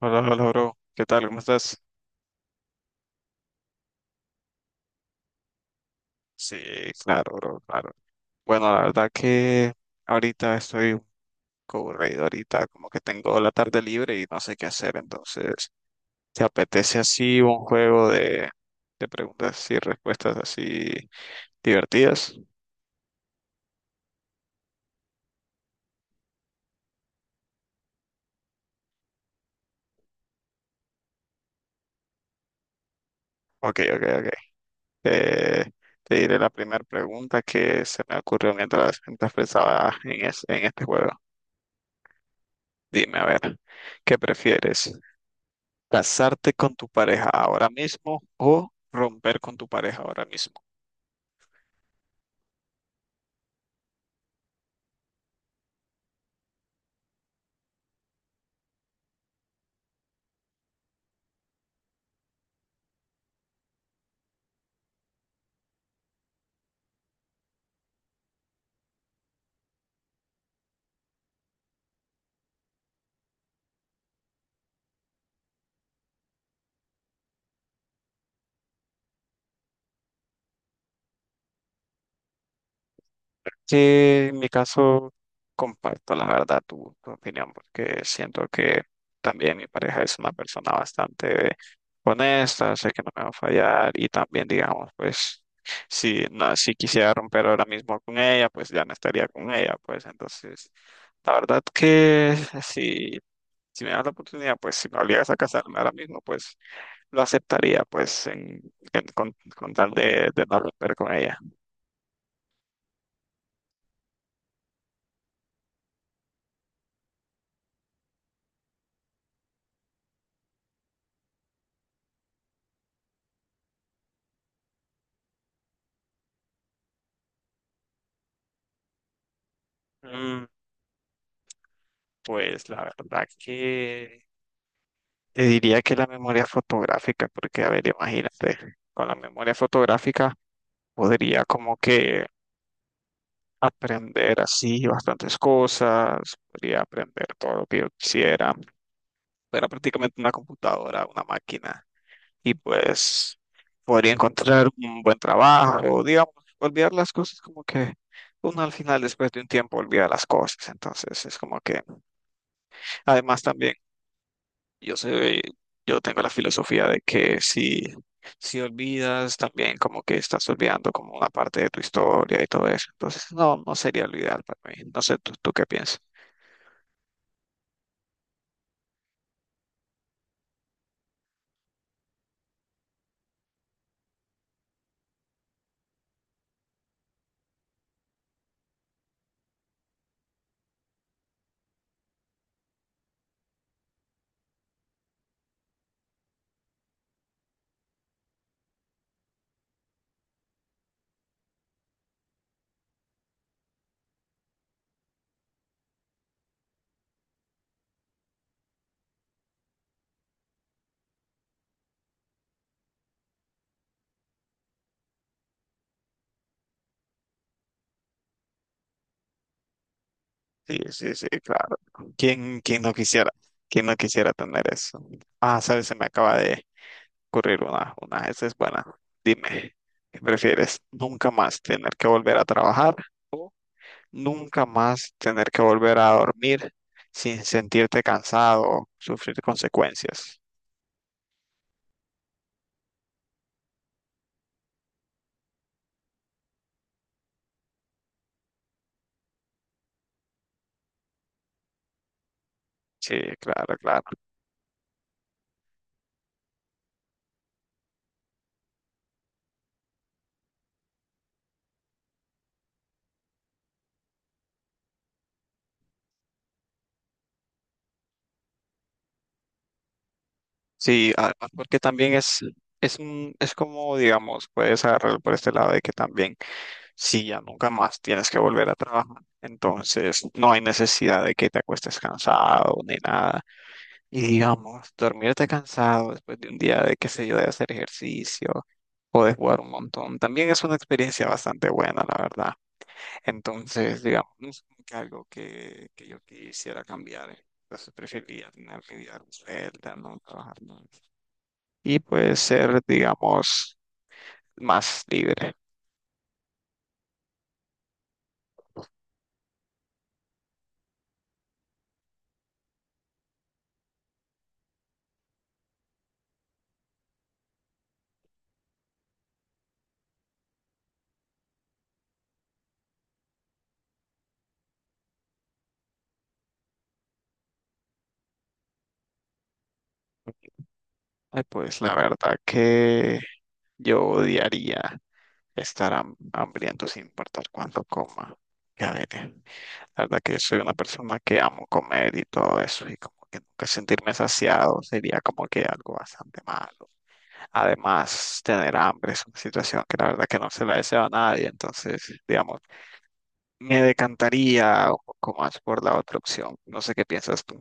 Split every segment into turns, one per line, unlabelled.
Hola, hola, bro. ¿Qué tal? ¿Cómo estás? Sí, claro, bro, claro. Bueno, la verdad que ahorita estoy un poco aburrido, ahorita como que tengo la tarde libre y no sé qué hacer, entonces, ¿te apetece así un juego de preguntas y respuestas así divertidas? Ok, ok, ok. Eh, Te diré la primera pregunta que se me ocurrió mientras pensaba en este juego. Dime, a ver, ¿qué prefieres? ¿Casarte con tu pareja ahora mismo o romper con tu pareja ahora mismo? Que en mi caso comparto la verdad tu opinión porque siento que también mi pareja es una persona bastante honesta, sé que no me va a fallar y también digamos pues si no, si quisiera romper ahora mismo con ella, pues ya no estaría con ella, pues entonces la verdad que si, si me das la oportunidad, pues si me obligas a casarme ahora mismo, pues lo aceptaría, pues, con tal de no romper con ella. Mm, Pues la verdad que te diría que la memoria fotográfica, porque a ver, imagínate, con la memoria fotográfica podría como que aprender así bastantes cosas, podría aprender todo lo que yo quisiera. Era prácticamente una computadora, una máquina. Y pues podría encontrar un buen trabajo, digamos. Olvidar las cosas, como que uno al final después de un tiempo olvida las cosas, entonces es como que, además, también yo soy, yo tengo la filosofía de que si olvidas, también como que estás olvidando como una parte de tu historia y todo eso, entonces no, no sería olvidar para mí, no sé, tú qué piensas? Sí, sí, sí, claro. ¿Quién, quién no quisiera, quién no quisiera tener eso? Ah, sabes, se me acaba de ocurrir una. Esa es buena. Dime, ¿qué prefieres? ¿Nunca más tener que volver a trabajar? Nunca más tener que volver a dormir sin sentirte cansado o sufrir consecuencias. Sí, claro, claro. Sí, porque también es como, digamos, puedes agarrarlo por este lado de que también, si ya nunca más tienes que volver a trabajar, entonces no hay necesidad de que te acuestes cansado ni nada. Y digamos, dormirte cansado después de un día de, qué sé yo, de hacer ejercicio o de jugar un montón, también es una experiencia bastante buena, la verdad. Entonces, digamos, no es como que algo que yo quisiera cambiar. Entonces preferiría tener mi vida resuelta, no trabajar más. Y puede ser, digamos, más libre. Ay, pues la verdad que yo odiaría estar hambriento sin importar cuánto coma. Ya veré. La verdad que yo soy una persona que amo comer y todo eso, y como que nunca sentirme saciado sería como que algo bastante malo. Además, tener hambre es una situación que la verdad que no se la deseo a nadie, entonces, digamos, me decantaría un poco más por la otra opción. No sé qué piensas tú.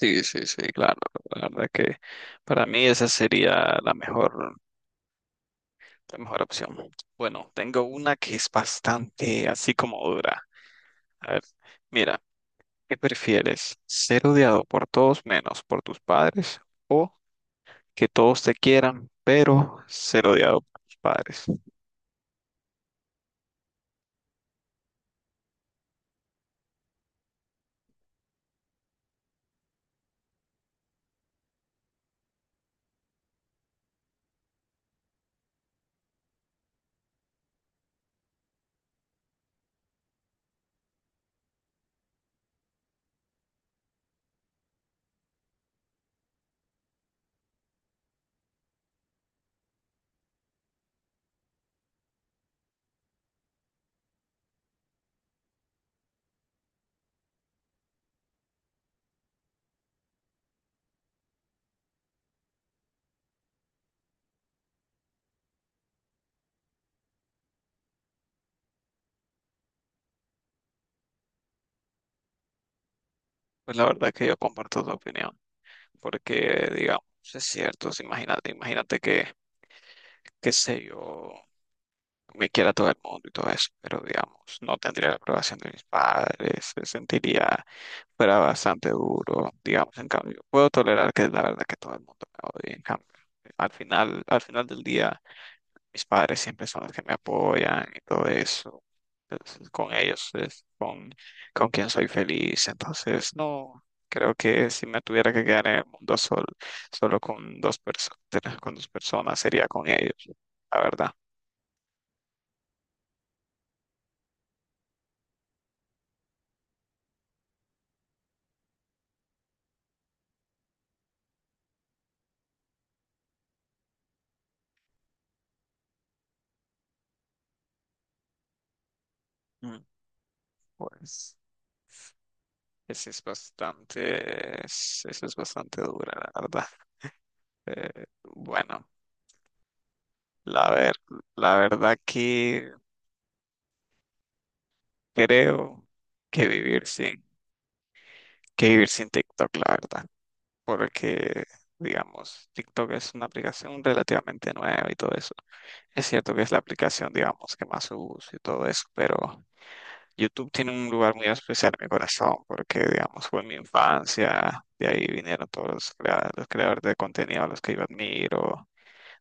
Sí, sí, sí, claro. La verdad que para mí esa sería la mejor opción. Bueno, tengo una que es bastante así como dura. A ver, mira, ¿qué prefieres? ¿Ser odiado por todos menos por tus padres, o que todos te quieran pero ser odiado por tus padres? Pues la verdad que yo comparto tu opinión, porque digamos, es cierto, si imagínate, imagínate que, qué sé yo, me quiera todo el mundo y todo eso, pero digamos, no tendría la aprobación de mis padres, se sentiría fuera bastante duro, digamos. En cambio, puedo tolerar que la verdad que todo el mundo me odie, en cambio, al final del día, mis padres siempre son los que me apoyan y todo eso. Entonces, con ellos es con quien soy feliz. Entonces, no, creo que si me tuviera que quedar en el mundo solo con dos personas, sería con ellos, la verdad. Mm, Pues eso es bastante dura, la verdad. Bueno, la ver, la verdad que creo que vivir sin, que vivir sin TikTok, la verdad, porque digamos, TikTok es una aplicación relativamente nueva y todo eso. Es cierto que es la aplicación, digamos, que más uso y todo eso, pero YouTube tiene un lugar muy especial en mi corazón porque, digamos, fue mi infancia, de ahí vinieron todos los creadores de contenido a los que yo admiro,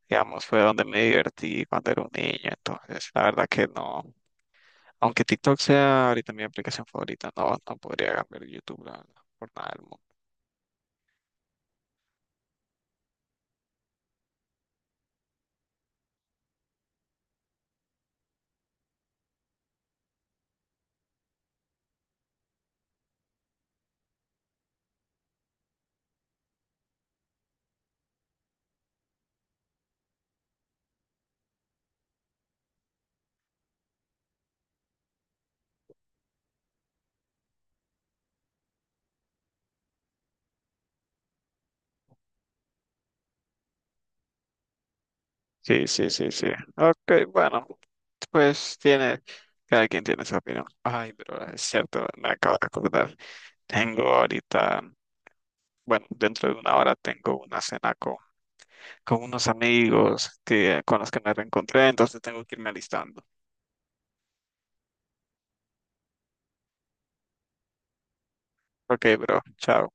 digamos, fue donde me divertí cuando era un niño, entonces la verdad que no, aunque TikTok sea ahorita mi aplicación favorita, no, no podría cambiar YouTube, verdad, por nada del mundo. Sí, sí, sí, sí. Ok, bueno, pues tiene, cada quien tiene su opinión. Ay, pero es cierto, me acabo de acordar. Tengo ahorita, bueno, dentro de una hora tengo una cena con unos amigos con los que me reencontré, entonces tengo que irme alistando. Ok, bro, chao.